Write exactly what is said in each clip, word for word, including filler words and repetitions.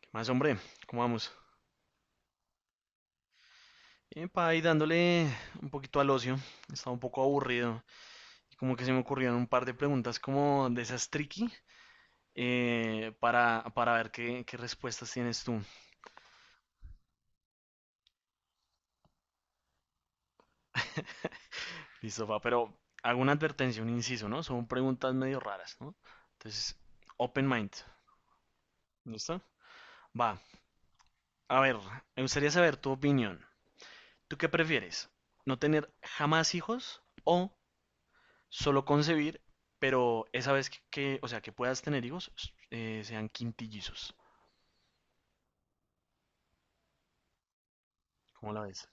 ¿Qué más, hombre? ¿Cómo vamos? Bien, pa, ahí dándole un poquito al ocio. Estaba un poco aburrido. Y como que se me ocurrieron un par de preguntas como de esas tricky eh, para, para ver qué, qué respuestas tienes tú. Listo, pa, pero hago una advertencia, un inciso, ¿no? Son preguntas medio raras, ¿no? Entonces, open mind. ¿Listo? Va. A ver, me gustaría saber tu opinión. ¿Tú qué prefieres? ¿No tener jamás hijos o solo concebir, pero esa vez que, que- o sea, que puedas tener hijos, eh, sean quintillizos. ¿Cómo la ves?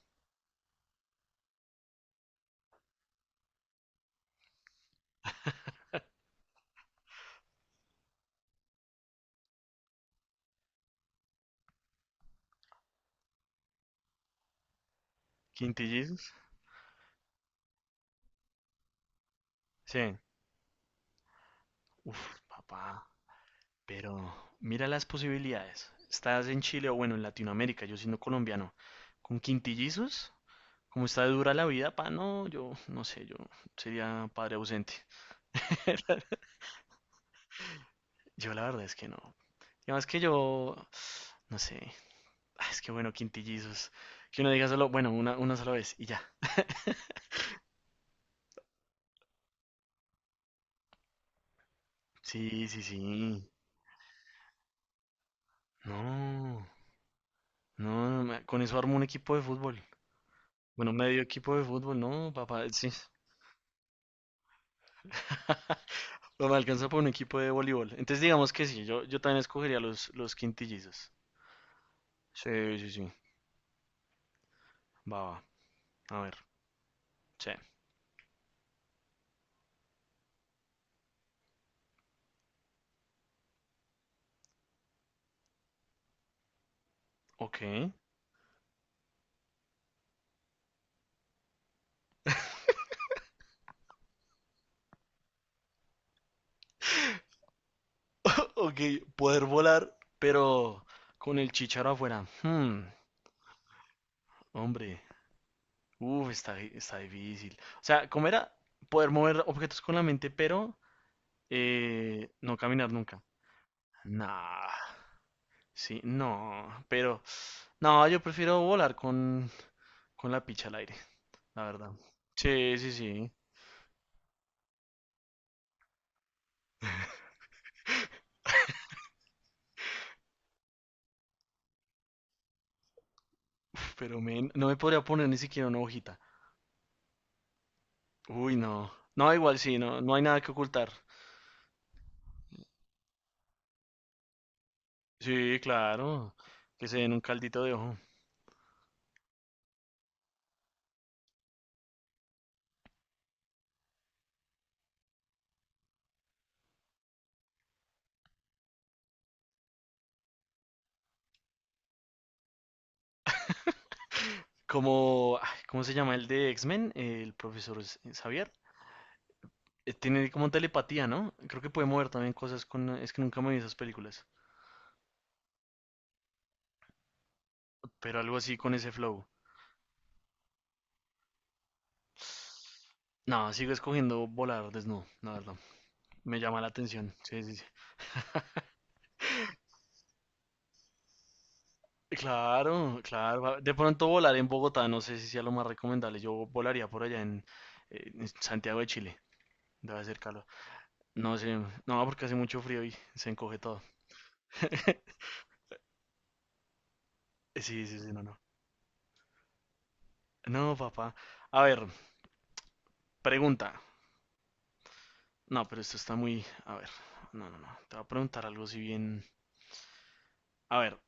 ¿Quintillizos? Sí. Uf, papá. Pero mira las posibilidades. Estás en Chile o, bueno, en Latinoamérica, yo siendo colombiano. Con quintillizos, como está de dura la vida, pa, no, yo no sé, yo sería padre ausente. Yo la verdad es que no. Y además que yo, no sé, ah, es que bueno, quintillizos. Que uno diga solo, bueno, una, una sola vez y ya. Sí, sí, sí. No, no, no, me- con eso armo un equipo de fútbol. Bueno, medio equipo de fútbol, no, papá, sí. No me alcanza por un equipo de voleibol. Entonces digamos que sí, yo, yo también escogería los, los quintillizos. Sí, sí, sí. Va, va. A ver. Sí. Ok. Ok, poder volar, pero con el chicharo afuera. Hmm, hombre. Uf, está, di- está difícil. O sea, ¿cómo era? Poder mover objetos con la mente, pero eh, no caminar nunca. Nah. Sí, no, pero no, yo prefiero volar con, con la picha al aire, la verdad. Sí, sí, sí. Uf, pero men, no me podría poner ni siquiera una hojita. Uy, no. No, igual sí, no, no hay nada que ocultar. Sí, claro. Que se den un caldito de ojo. Como, ay, ¿cómo se llama el de X-Men? El profesor S- Xavier. Eh, Tiene como telepatía, ¿no? Creo que puede mover también cosas con... Es que nunca me vi esas películas. Pero algo así con ese flow. No, sigo escogiendo volar desnudo, la verdad. Me llama la atención. Sí, sí, sí. Claro, claro. De pronto volar en Bogotá, no sé si sea lo más recomendable. Yo volaría por allá en, eh, en Santiago de Chile. Debe hacer calor. No sé, no, porque hace mucho frío y se encoge todo. Sí, sí, sí, no, no. No, papá. A ver, pregunta. No, pero esto está muy... A ver, no, no, no. Te voy a preguntar algo si bien... A ver,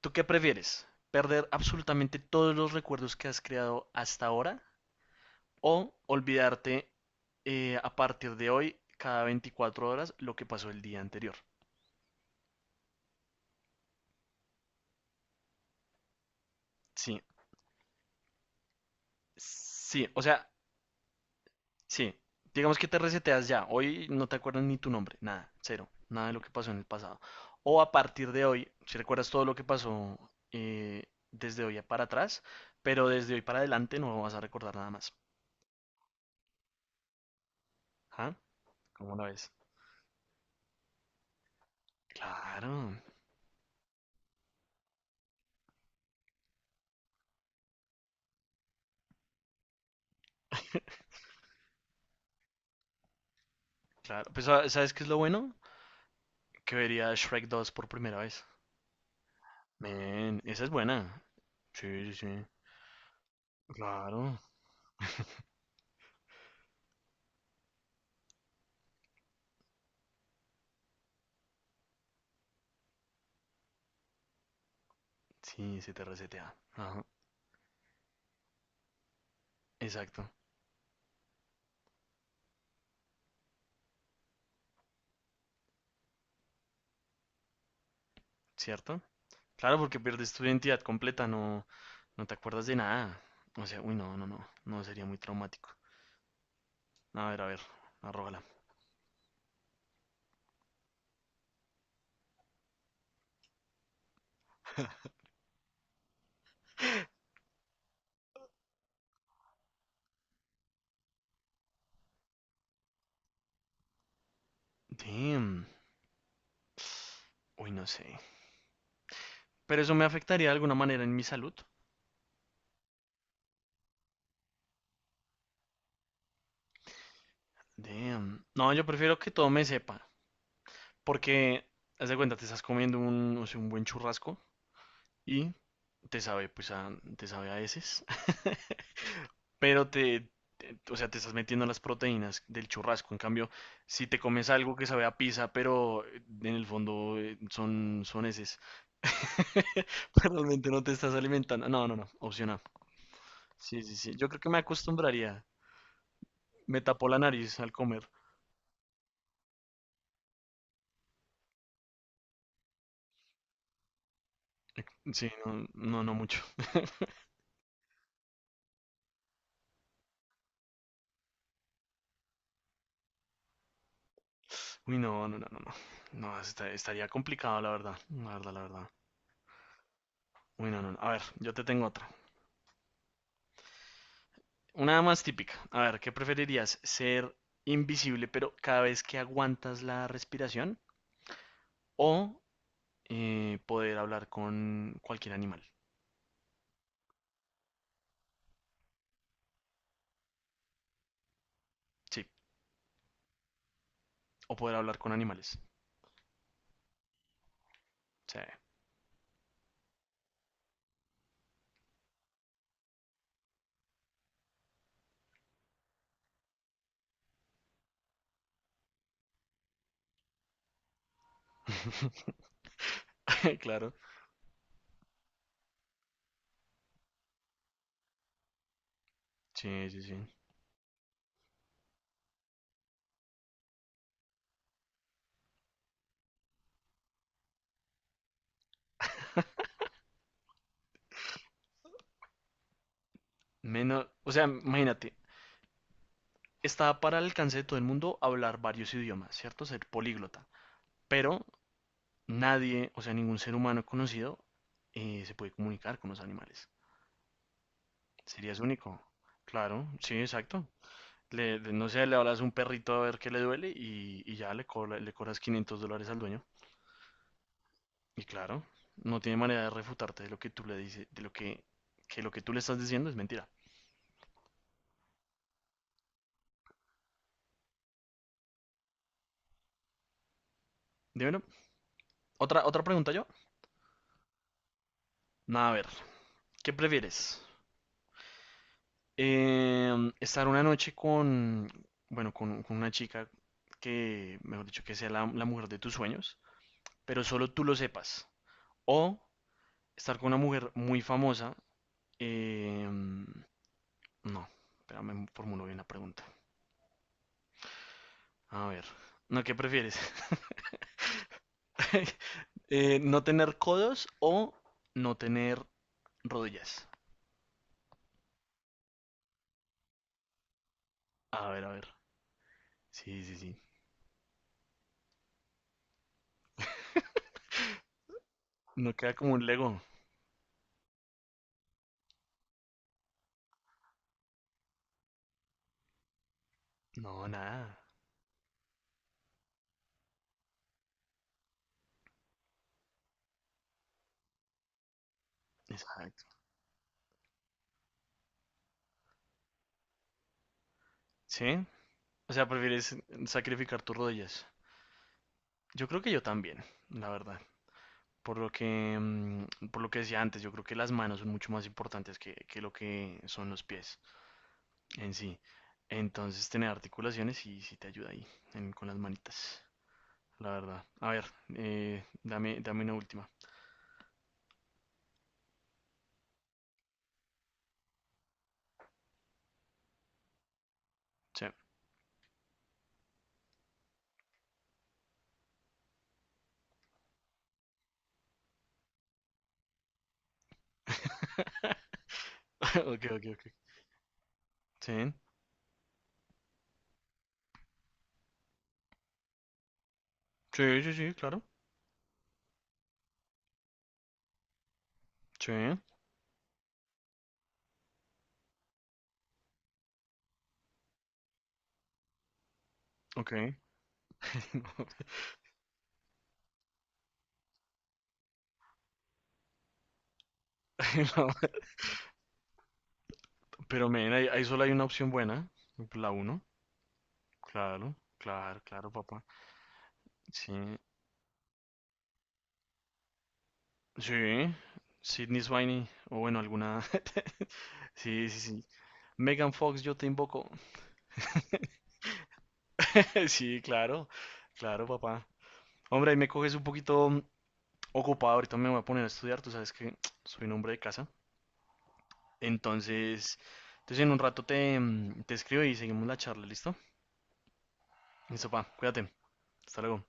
¿tú qué prefieres? ¿Perder absolutamente todos los recuerdos que has creado hasta ahora o olvidarte, eh, a partir de hoy, cada veinticuatro horas, lo que pasó el día anterior? Sí, sí, o sea, sí. Digamos que te reseteas ya. Hoy no te acuerdas ni tu nombre, nada, cero, nada de lo que pasó en el pasado. O a partir de hoy, si recuerdas todo lo que pasó, eh, desde hoy para atrás, pero desde hoy para adelante no vas a recordar nada más. ¿Ah? ¿Cómo lo ves? Claro, claro. Pues, ¿sabes qué es lo bueno? Que vería Shrek dos por primera vez. Men, esa es buena. Sí, sí, sí. Claro. Sí, se te resetea. Ajá. Exacto. ¿Cierto? Claro, porque pierdes tu identidad completa, no, no te acuerdas de nada. O sea, uy, no, no, no. No sería muy traumático. A ver, a ver. Arróbala. Damn. Uy, no sé. Pero eso me afectaría de alguna manera en mi salud. Damn. No, yo prefiero que todo me sepa. Porque, haz de cuenta, te estás comiendo un, o sea, un buen churrasco y te sabe, pues, a, te sabe a veces. Pero te, te- o sea, te estás metiendo las proteínas del churrasco. En cambio, si te comes algo que sabe a pizza, pero eh, en el fondo eh, son, son heces, pues realmente no te estás alimentando. No, no, no, opción A. Sí, sí, sí. Yo creo que me acostumbraría. Me tapó la nariz al comer. Sí, no, no, no mucho. Uy, no, no, no, no, no. No, esta- estaría complicado, la verdad. La verdad, la verdad. Uy, no, no. No. A ver, yo te tengo otra. Una más típica. A ver, ¿qué preferirías? ¿Ser invisible, pero cada vez que aguantas la respiración? ¿O eh, poder hablar con cualquier animal? Sí, o poder hablar con animales. Sí. Claro. Sí, sí, sí. Menos, o sea, imagínate, está para el alcance de todo el mundo hablar varios idiomas, ¿cierto? Ser políglota. Pero nadie, o sea, ningún ser humano conocido, eh, se puede comunicar con los animales. Serías único. Claro, sí, exacto. Le, le- no sé, le hablas a un perrito a ver qué le duele, y, y ya le, cobra- le cobras quinientos dólares al dueño. Y claro, no tiene manera de refutarte de lo que tú le dices, de lo que, que lo que tú le estás diciendo es mentira. Dímelo. Otra, otra pregunta yo. Nada, a ver, ¿qué prefieres? Em, estar una noche con, bueno, con, con una chica que, mejor dicho, que sea la, la mujer de tus sueños, pero solo tú lo sepas. O estar con una mujer muy famosa. Eh, no, espérame, formulo bien la pregunta. A ver, no, ¿qué prefieres? Eh, ¿no tener codos o no tener rodillas? A ver, a ver. Sí, sí, sí. No queda como un Lego. No, nada. Exacto. ¿Sí? O sea, prefieres sacrificar tus rodillas. Yo creo que yo también, la verdad. Por lo que, mm, por lo que decía antes, yo creo que las manos son mucho más importantes que, que lo que son los pies. En sí. Entonces, tener articulaciones sí, sí te ayuda ahí, en- con las manitas, la verdad. A ver, eh, dame, dame una última. Sí. Ok, ok, ok. Sí. Sí, sí, sí, claro. Sí. Ok. No. No. Pero, men, ahí, ahí solo hay una opción buena. La uno. Claro, claro, claro, papá. Sí. Sí. Sydney Sweeney. O bueno, alguna. Sí, sí, sí. Megan Fox, yo te invoco. Sí, claro, claro, papá. Hombre, ahí me coges un poquito mm, ocupado, ahorita me voy a poner a estudiar, tú sabes que soy un hombre de casa. Entonces, entonces en un rato te, mm, te escribo y seguimos la charla, ¿listo? Listo, papá, cuídate, hasta luego.